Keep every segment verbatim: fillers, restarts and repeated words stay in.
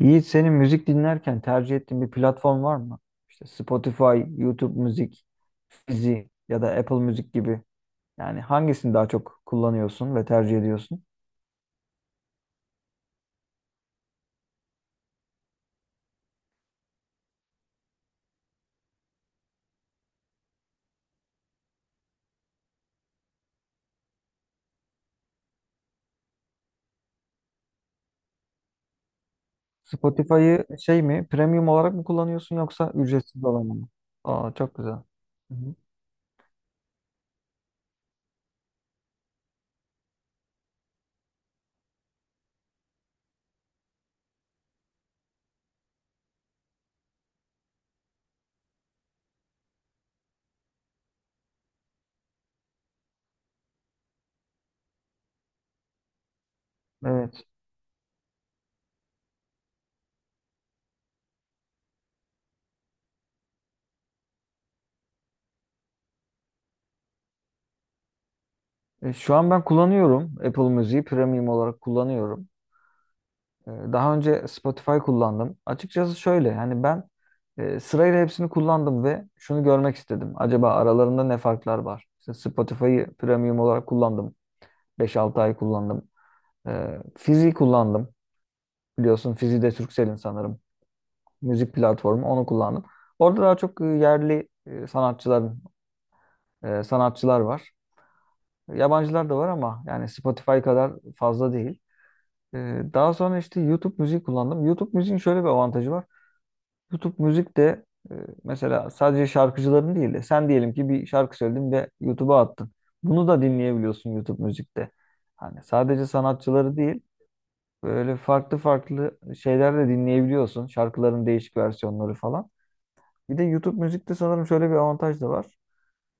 Yiğit senin müzik dinlerken tercih ettiğin bir platform var mı? İşte Spotify, YouTube Müzik, Fizi ya da Apple Müzik gibi. Yani hangisini daha çok kullanıyorsun ve tercih ediyorsun? Spotify'ı şey mi, premium olarak mı kullanıyorsun yoksa ücretsiz olan mı? Aa çok güzel. Hı hı. Evet. E, şu an ben kullanıyorum Apple Müziği premium olarak kullanıyorum. Ee, Daha önce Spotify kullandım. Açıkçası şöyle yani ben e, sırayla hepsini kullandım ve şunu görmek istedim. Acaba aralarında ne farklar var? İşte Spotify'ı premium olarak kullandım, beş altı ay kullandım. Ee, Fizi kullandım. Biliyorsun Fizi de Turkcell'in sanırım. Müzik platformu, onu kullandım. Orada daha çok e, yerli e, sanatçıların e, sanatçılar var. Yabancılar da var ama yani Spotify kadar fazla değil. Ee, Daha sonra işte YouTube müziği kullandım. YouTube müziğin şöyle bir avantajı var. YouTube müzik de e, mesela sadece şarkıcıların değil de sen diyelim ki bir şarkı söyledin ve YouTube'a attın. Bunu da dinleyebiliyorsun YouTube müzikte. Hani sadece sanatçıları değil, böyle farklı farklı şeyler de dinleyebiliyorsun. Şarkıların değişik versiyonları falan. Bir de YouTube müzikte sanırım şöyle bir avantaj da var.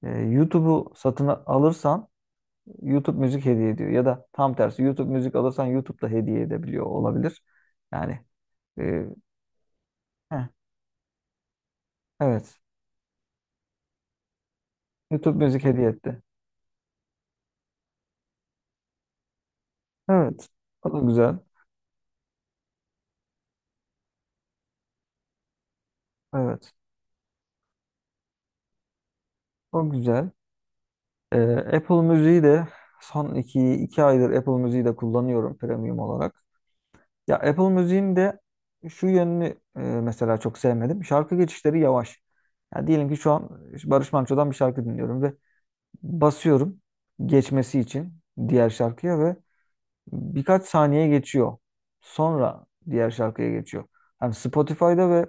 E, YouTube'u satın alırsan YouTube müzik hediye ediyor. Ya da tam tersi, YouTube müzik alırsan YouTube'da hediye edebiliyor olabilir. Yani e, heh, evet, YouTube müzik hediye etti. Evet. O da güzel. Evet. O güzel. Ee, Apple Müziği de son iki, iki aydır Apple Müziği de kullanıyorum premium olarak. Ya Apple Müziğin de şu yönünü e, mesela çok sevmedim. Şarkı geçişleri yavaş. Ya diyelim ki şu an Barış Manço'dan bir şarkı dinliyorum ve basıyorum geçmesi için diğer şarkıya ve birkaç saniye geçiyor. Sonra diğer şarkıya geçiyor. Hani Spotify'da ve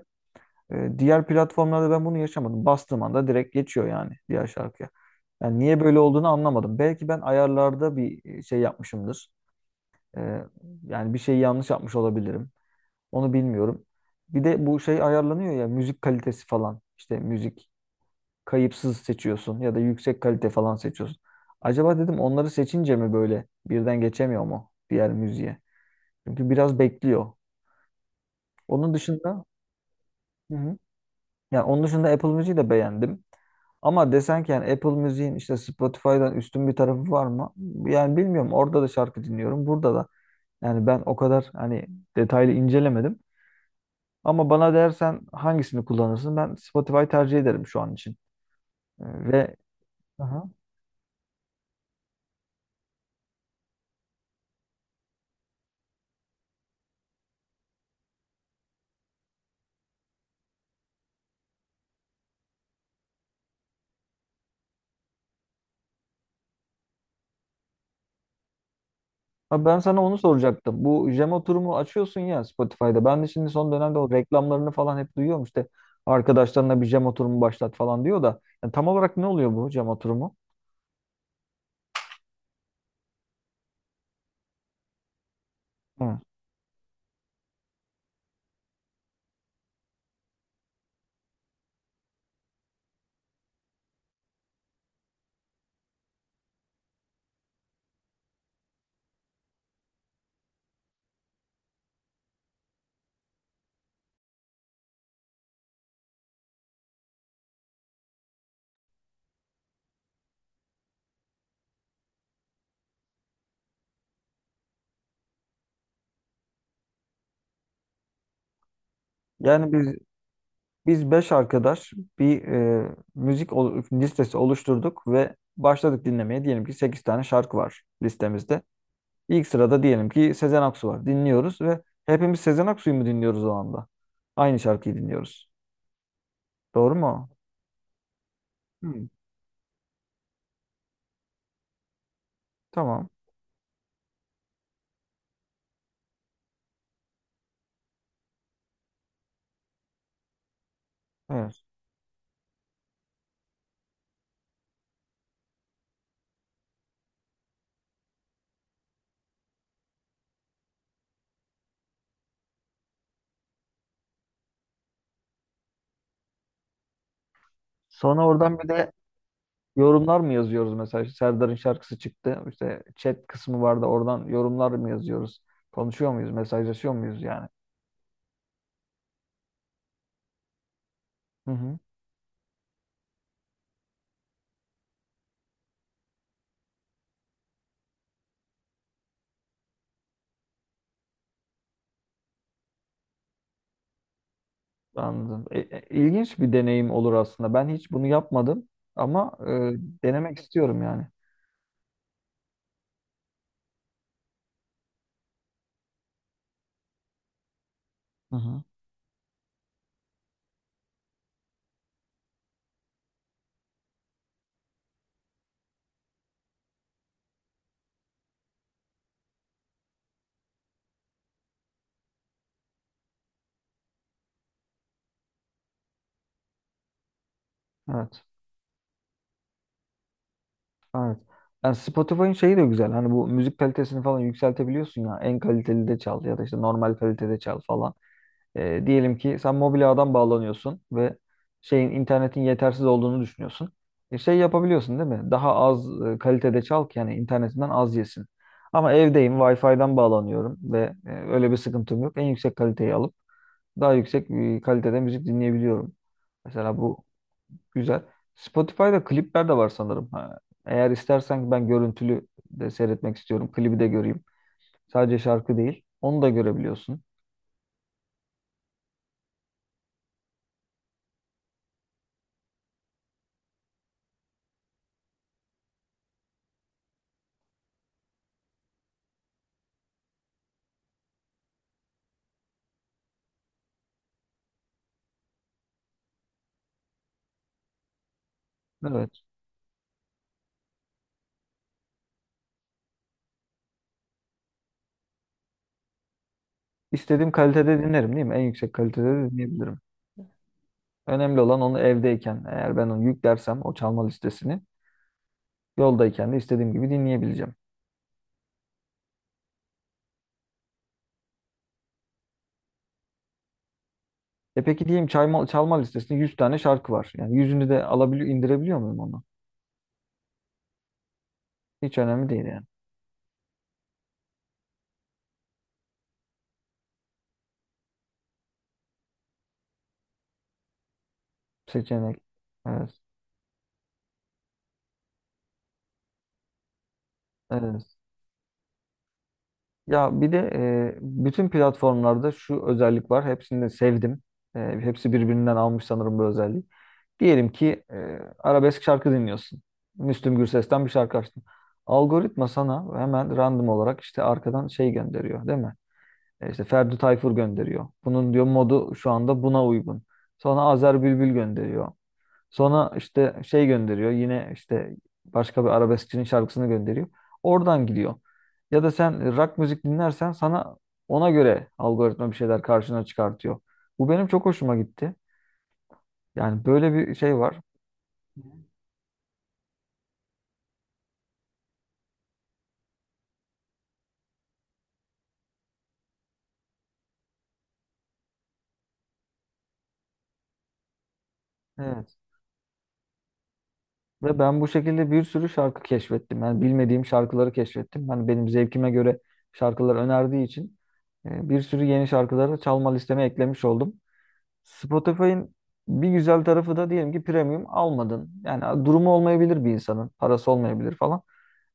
E, diğer platformlarda ben bunu yaşamadım. Bastığım anda direkt geçiyor yani diğer şarkıya. Yani niye böyle olduğunu anlamadım. Belki ben ayarlarda bir e, şey yapmışımdır. E, Yani bir şeyi yanlış yapmış olabilirim. Onu bilmiyorum. Bir de bu şey ayarlanıyor ya, müzik kalitesi falan. İşte müzik kayıpsız seçiyorsun ya da yüksek kalite falan seçiyorsun. Acaba dedim onları seçince mi böyle birden geçemiyor mu diğer müziğe? Çünkü biraz bekliyor. Onun dışında hı hı. Yani onun dışında Apple Music'i de beğendim. Ama desen ki yani Apple Music'in işte Spotify'dan üstün bir tarafı var mı? Yani bilmiyorum. Orada da şarkı dinliyorum, burada da. Yani ben o kadar hani detaylı incelemedim. Ama bana dersen hangisini kullanırsın? Ben Spotify tercih ederim şu an için. Ee, Ve Aha. Ha, ben sana onu soracaktım. Bu jam oturumu açıyorsun ya Spotify'da. Ben de şimdi son dönemde o reklamlarını falan hep duyuyorum. İşte arkadaşlarına bir jam oturumu başlat falan diyor da. Yani tam olarak ne oluyor bu jam oturumu? Hı. Yani biz Biz beş arkadaş bir e, müzik ol- listesi oluşturduk ve başladık dinlemeye. Diyelim ki sekiz tane şarkı var listemizde. İlk sırada diyelim ki Sezen Aksu var. Dinliyoruz ve hepimiz Sezen Aksu'yu mu dinliyoruz o anda? Aynı şarkıyı dinliyoruz. Doğru mu? Hı, tamam. Evet. Sonra oradan bir de yorumlar mı yazıyoruz mesela? İşte Serdar'ın şarkısı çıktı. İşte chat kısmı vardı. Oradan yorumlar mı yazıyoruz? Konuşuyor muyuz? Mesajlaşıyor muyuz yani? Hı hı. Anladım. E, e, İlginç bir deneyim olur aslında. Ben hiç bunu yapmadım ama e, denemek istiyorum yani. Hı hı. Evet. Evet. Yani Spotify'ın şeyi de güzel. Hani bu müzik kalitesini falan yükseltebiliyorsun ya. En kaliteli de çal ya da işte normal kalitede çal falan. E, diyelim ki sen mobilyadan bağlanıyorsun ve şeyin, internetin yetersiz olduğunu düşünüyorsun. E, şey yapabiliyorsun değil mi? Daha az e, kalitede çal ki yani internetinden az yesin. Ama evdeyim, Wi-Fi'den bağlanıyorum ve e, öyle bir sıkıntım yok. En yüksek kaliteyi alıp daha yüksek bir kalitede müzik dinleyebiliyorum. Mesela bu güzel. Spotify'da klipler de var sanırım. Ha, eğer istersen ben görüntülü de seyretmek istiyorum. Klibi de göreyim. Sadece şarkı değil, onu da görebiliyorsun. Evet. İstediğim kalitede dinlerim değil mi? En yüksek kalitede de dinleyebilirim. Önemli olan onu evdeyken eğer ben onu yüklersem o çalma listesini yoldayken de istediğim gibi dinleyebileceğim. E peki, diyeyim çalma, çalma listesinde yüz tane şarkı var. Yani yüzünü de alabiliyor, indirebiliyor muyum onu? Hiç önemli değil yani. Seçenek. Evet. Evet. Ya bir de e, bütün platformlarda şu özellik var. Hepsini de sevdim. E, hepsi birbirinden almış sanırım bu özelliği. Diyelim ki e, arabesk şarkı dinliyorsun. Müslüm Gürses'ten bir şarkı açtın. Algoritma sana hemen random olarak işte arkadan şey gönderiyor, değil mi? E, işte Ferdi Tayfur gönderiyor. Bunun diyor modu şu anda buna uygun. Sonra Azer Bülbül gönderiyor. Sonra işte şey gönderiyor. Yine işte başka bir arabeskçinin şarkısını gönderiyor. Oradan gidiyor. Ya da sen rock müzik dinlersen sana ona göre algoritma bir şeyler karşına çıkartıyor. Bu benim çok hoşuma gitti. Yani böyle bir şey var. Evet. Ve ben bu şekilde bir sürü şarkı keşfettim. Yani bilmediğim şarkıları keşfettim. Hani benim zevkime göre şarkılar önerdiği için e, bir sürü yeni şarkıları çalma listeme eklemiş oldum. Spotify'ın bir güzel tarafı da diyelim ki premium almadın. Yani durumu olmayabilir bir insanın. Parası olmayabilir falan.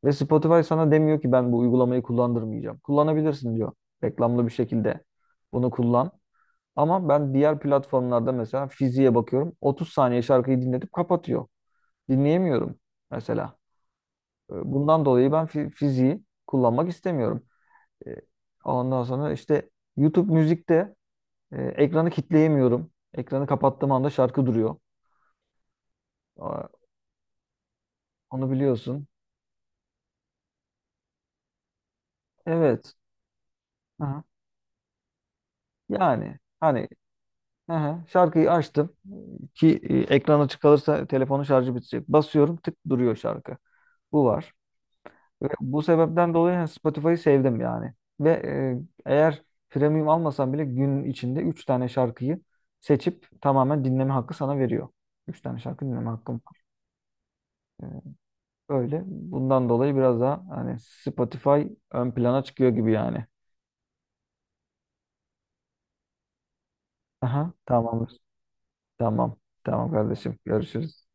Ve Spotify sana demiyor ki ben bu uygulamayı kullandırmayacağım. Kullanabilirsin diyor. Reklamlı bir şekilde bunu kullan. Ama ben diğer platformlarda mesela fiziğe bakıyorum. otuz saniye şarkıyı dinletip kapatıyor. Dinleyemiyorum mesela. E, Bundan dolayı ben fi- fiziği kullanmak istemiyorum. E, Ondan sonra işte YouTube müzikte e, ekranı kitleyemiyorum. Ekranı kapattığım anda şarkı duruyor. Aa, onu biliyorsun. Evet. Aha. Yani hani, aha, şarkıyı açtım ki e, ekran açık kalırsa telefonun şarjı bitecek. Basıyorum, tık, duruyor şarkı. Bu var. Ve bu sebepten dolayı yani Spotify'ı sevdim yani. Ve e, eğer premium almasan bile gün içinde üç tane şarkıyı seçip tamamen dinleme hakkı sana veriyor. Üç tane şarkı dinleme hakkım var. E, Öyle. Bundan dolayı biraz daha hani Spotify ön plana çıkıyor gibi yani. Aha, tamamdır. Tamam. Tamam kardeşim, görüşürüz.